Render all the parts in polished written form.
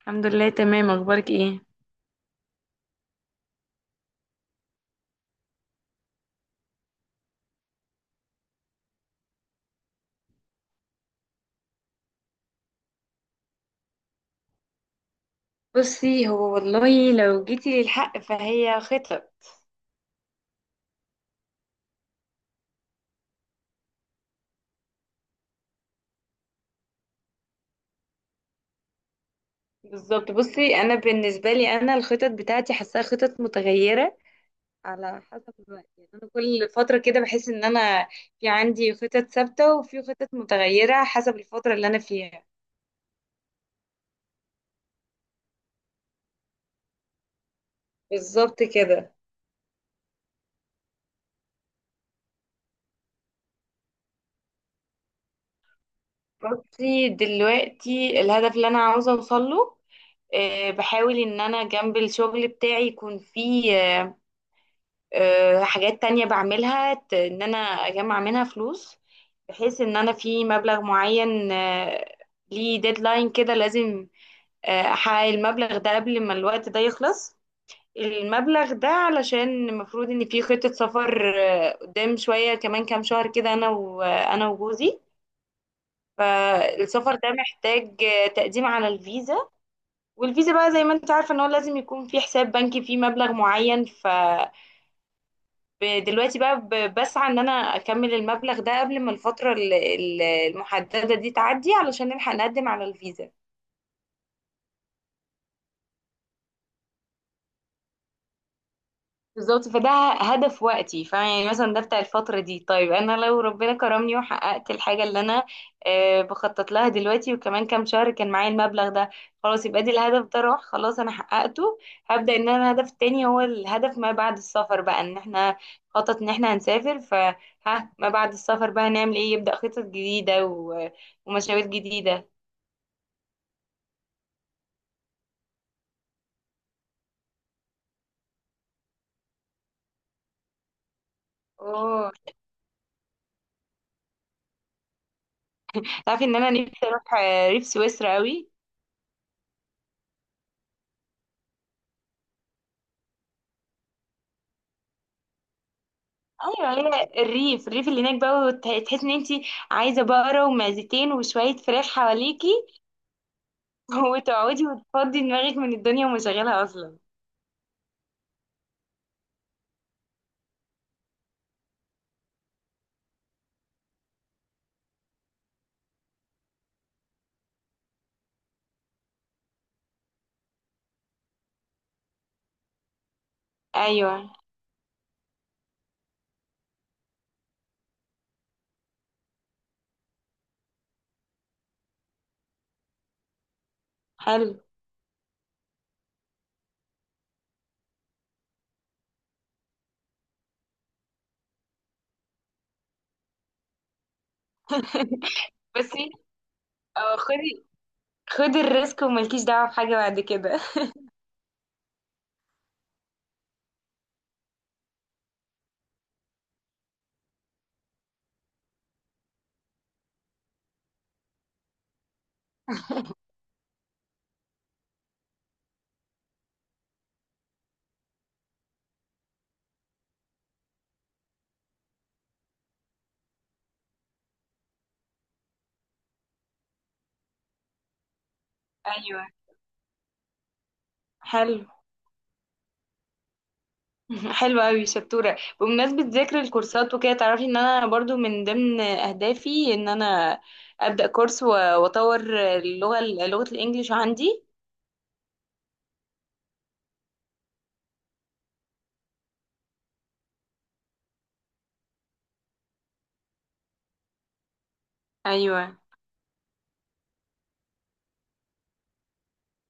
الحمد لله تمام، اخبارك ايه؟ بصي، هو والله لو جيتي للحق فهي خطط. بالظبط. بصي، انا بالنسبه لي انا الخطط بتاعتي حاساها خطط متغيره على حسب الوقت. يعني انا كل فتره كده بحس ان انا في عندي خطط ثابته وفي خطط متغيره حسب الفتره اللي انا فيها. بالظبط كده. بصي، دلوقتي الهدف اللي انا عاوزه اوصل له، بحاول ان انا جنب الشغل بتاعي يكون فيه حاجات تانية بعملها، ان انا اجمع منها فلوس بحيث ان انا في مبلغ معين، ليه ديدلاين كده لازم احقق المبلغ ده قبل ما الوقت ده يخلص. المبلغ ده علشان المفروض ان في خطة سفر، قدام شوية كمان كام شهر كده، انا وجوزي. فالسفر ده محتاج تقديم على الفيزا. والفيزا بقى زي ما انت عارفة ان هو لازم يكون في حساب بنكي فيه مبلغ معين. دلوقتي بقى بسعى ان انا اكمل المبلغ ده قبل ما الفترة المحددة دي تعدي علشان نلحق نقدم على الفيزا. بالظبط. فده هدف وقتي، فيعني مثلا ده بتاع الفترة دي. طيب أنا لو ربنا كرمني وحققت الحاجة اللي أنا بخطط لها دلوقتي، وكمان كام شهر كان معايا المبلغ ده، خلاص يبقى دي الهدف ده راح، خلاص أنا حققته. هبدأ إن أنا الهدف التاني هو الهدف ما بعد السفر بقى، إن احنا خطط إن احنا هنسافر، فها ما بعد السفر بقى هنعمل إيه، يبدأ خطط جديدة ومشاوير جديدة. اوه. تعرفي ان انا نفسي اروح ريف سويسرا قوي. ايوه، هي الريف الريف اللي هناك بقى، تحس ان انت عايزه بقره ومعزتين وشويه فراخ حواليكي. وتقعدي وتفضي دماغك من الدنيا ومشغلها اصلا. ايوه، حلو. بس اه، خدي خدي الريسك وملكيش دعوه بحاجه بعد كده. ايوه، حلو. حلو قوي، شطوره. بمناسبه ذكر الكورسات وكده، تعرفي ان انا برضو من ضمن اهدافي ان انا ابدا كورس واطور لغه الانجليش عندي. ايوه،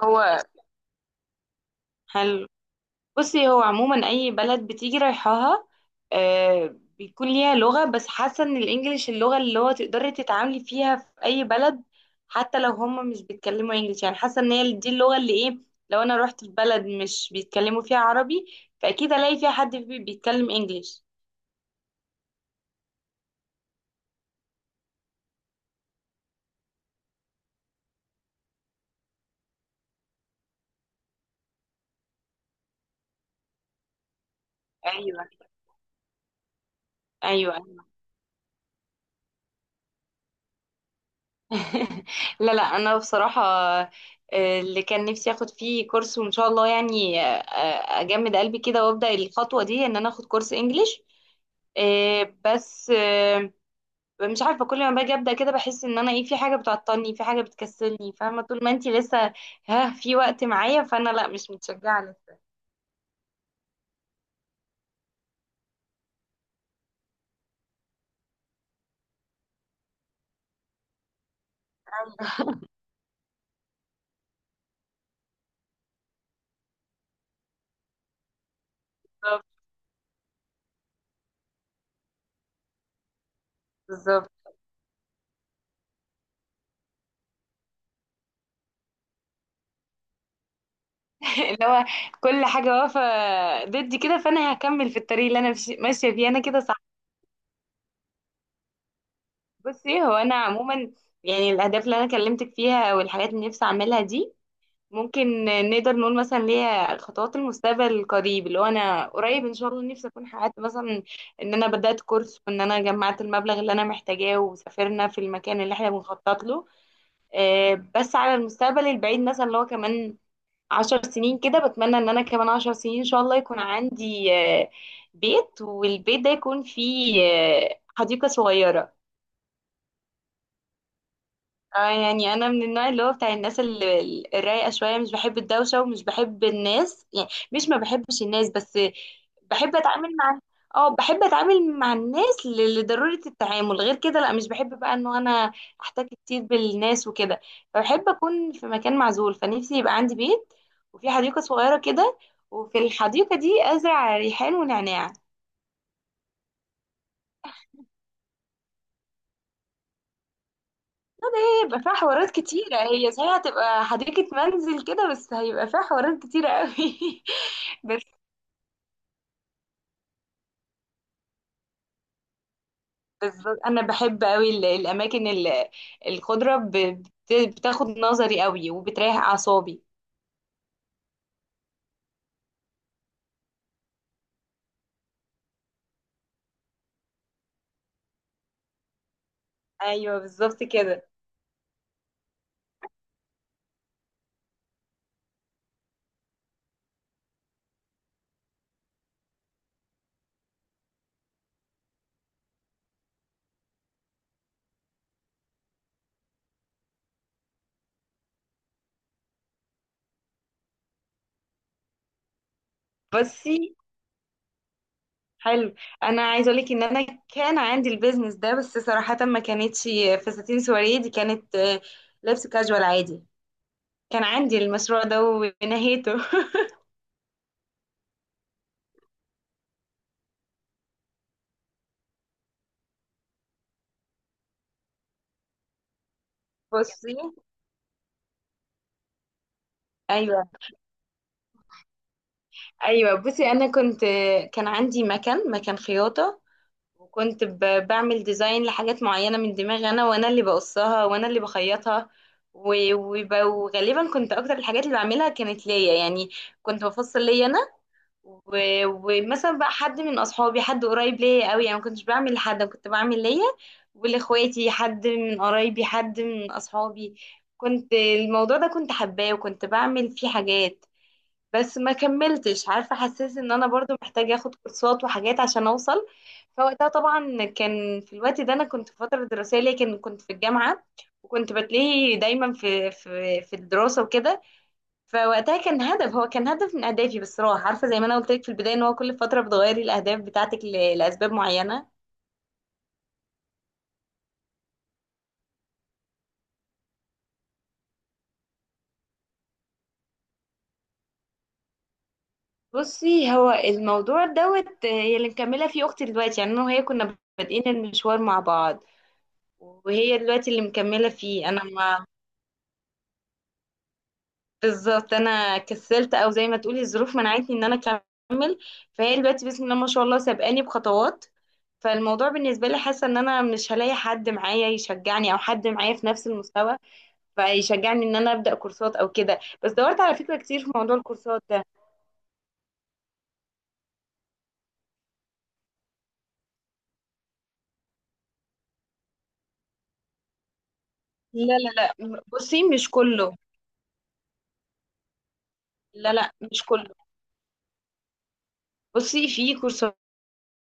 هو حلو. بصي، هو عموما اي بلد بتيجي رايحاها بيكون ليها لغة، بس حاسة ان الانجليش اللغة اللي هو تقدري تتعاملي فيها في اي بلد. حتى لو هم مش بيتكلموا انجليش، يعني حاسة ان هي دي اللغة اللي ايه. لو انا رحت في بلد مش بيتكلموا فيها عربي، فاكيد الاقي فيها حد بيتكلم انجليش. ايوه، ايوه. لا، لا، انا بصراحه اللي كان نفسي اخد فيه كورس، وان شاء الله يعني اجمد قلبي كده وابدا الخطوه دي ان انا اخد كورس انجليش. بس مش عارفه، كل ما باجي ابدا كده بحس ان انا ايه، في حاجه بتعطلني، في حاجه بتكسلني. فاهمه؟ طول ما انتي لسه ها في وقت معايا، فانا لا، مش متشجعه لسه. بالظبط، بالظبط. اللي هو كل حاجه واقفه ضدي كده، فانا هكمل في الطريق اللي انا ماشيه فيه. انا كده صح. بصي، هو انا عموما يعني الاهداف اللي انا كلمتك فيها والحاجات اللي نفسي اعملها دي ممكن نقدر نقول مثلا ليا خطوات المستقبل القريب، اللي هو انا قريب ان شاء الله نفسي اكون حققت مثلا ان انا بدات كورس، وان انا جمعت المبلغ اللي انا محتاجاه، وسافرنا في المكان اللي احنا بنخطط له. بس على المستقبل البعيد مثلا، اللي هو كمان 10 سنين كده، بتمنى ان انا كمان 10 سنين ان شاء الله يكون عندي بيت، والبيت ده يكون فيه حديقة صغيرة. اه، يعني انا من النوع اللي هو بتاع الناس اللي الرايقه شويه. مش بحب الدوشه ومش بحب الناس. يعني مش ما بحبش الناس، بس بحب اتعامل مع. اه، بحب اتعامل مع الناس لضروره التعامل. غير كده لا، مش بحب بقى انه انا احتك كتير بالناس وكده. فبحب اكون في مكان معزول. فنفسي يبقى عندي بيت، وفي حديقه صغيره كده، وفي الحديقه دي ازرع ريحان ونعناع. هيبقى فيها حوارات كتيرة. هي صحيح هتبقى حديقة منزل كده، بس هيبقى فيها حوارات كتيرة قوي. بس بس أنا بحب قوي الأماكن الخضرة بتاخد نظري قوي وبتريح أعصابي. أيوه، بالظبط كده. بصي، حلو. أنا عايزة أقولك إن أنا كان عندي البيزنس ده، بس صراحة ما كانتش فساتين سواريه. دي كانت لبس كاجوال عادي. كان عندي المشروع ده ونهيته. بصي. ايوه، ايوه. بصي، انا كنت كان عندي مكان خياطه. وكنت بعمل ديزاين لحاجات معينه من دماغي، انا اللي بقصها وانا اللي بخيطها. وغالبا كنت اكتر الحاجات اللي بعملها كانت ليا، يعني كنت بفصل ليا انا. و- ومثلا بقى حد من اصحابي، حد قريب ليا قوي، يعني ما كنتش بعمل لحد. أنا كنت بعمل ليا ولاخواتي، حد من قرايبي، حد من اصحابي. كنت الموضوع ده كنت حباه وكنت بعمل فيه حاجات. بس ما كملتش. عارفة، حسيت ان انا برضو محتاجة اخد كورسات وحاجات عشان اوصل. فوقتها طبعا كان في الوقت ده انا كنت في فترة دراسية، لكن كنت في الجامعة وكنت بتلاقي دايما في الدراسة وكده. فوقتها كان هدف، هو كان هدف من اهدافي، بس راح. عارفة، زي ما انا قلت لك في البداية، ان هو كل فترة بتغيري الاهداف بتاعتك لاسباب معينة. بصي، هو الموضوع دوت، هي اللي مكملة فيه اختي دلوقتي. يعني انا وهي كنا بادئين المشوار مع بعض، وهي دلوقتي اللي مكملة فيه انا ما. بالظبط، انا كسلت، او زي ما تقولي الظروف منعتني ان انا اكمل. فهي دلوقتي بسم الله ما شاء الله سابقاني بخطوات. فالموضوع بالنسبه لي، حاسه ان انا مش هلاقي حد معايا يشجعني او حد معايا في نفس المستوى فيشجعني ان انا ابدا كورسات او كده. بس دورت على فكره كتير في موضوع الكورسات ده. لا، لا، لا. بصي، مش كله. لا، لا، مش كله. بصي، في كورسات.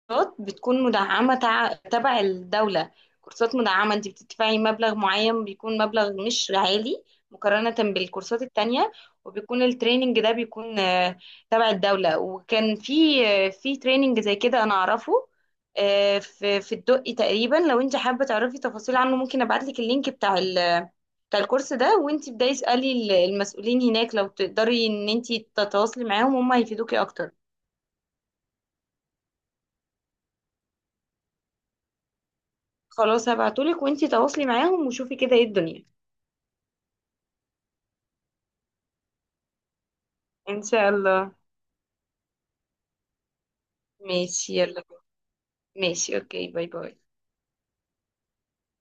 كورسات بتكون مدعمة، تبع الدولة. كورسات مدعمة، انت بتدفعي مبلغ معين بيكون مبلغ مش عالي مقارنة بالكورسات التانية. وبيكون التريننج ده بيكون تبع الدولة. وكان في تريننج زي كده انا اعرفه، في الدقي تقريبا. لو انت حابة تعرفي تفاصيل عنه، ممكن ابعتلك اللينك بتاع الكورس ده. وانت بداي اسألي المسؤولين هناك، لو تقدري ان انت تتواصلي معاهم هم هيفيدوكي اكتر. خلاص، هبعتهولك وانتي تواصلي معاهم وشوفي كده ايه الدنيا. ان شاء الله. ماشي، يلا. ماشي، اوكي. باي باي.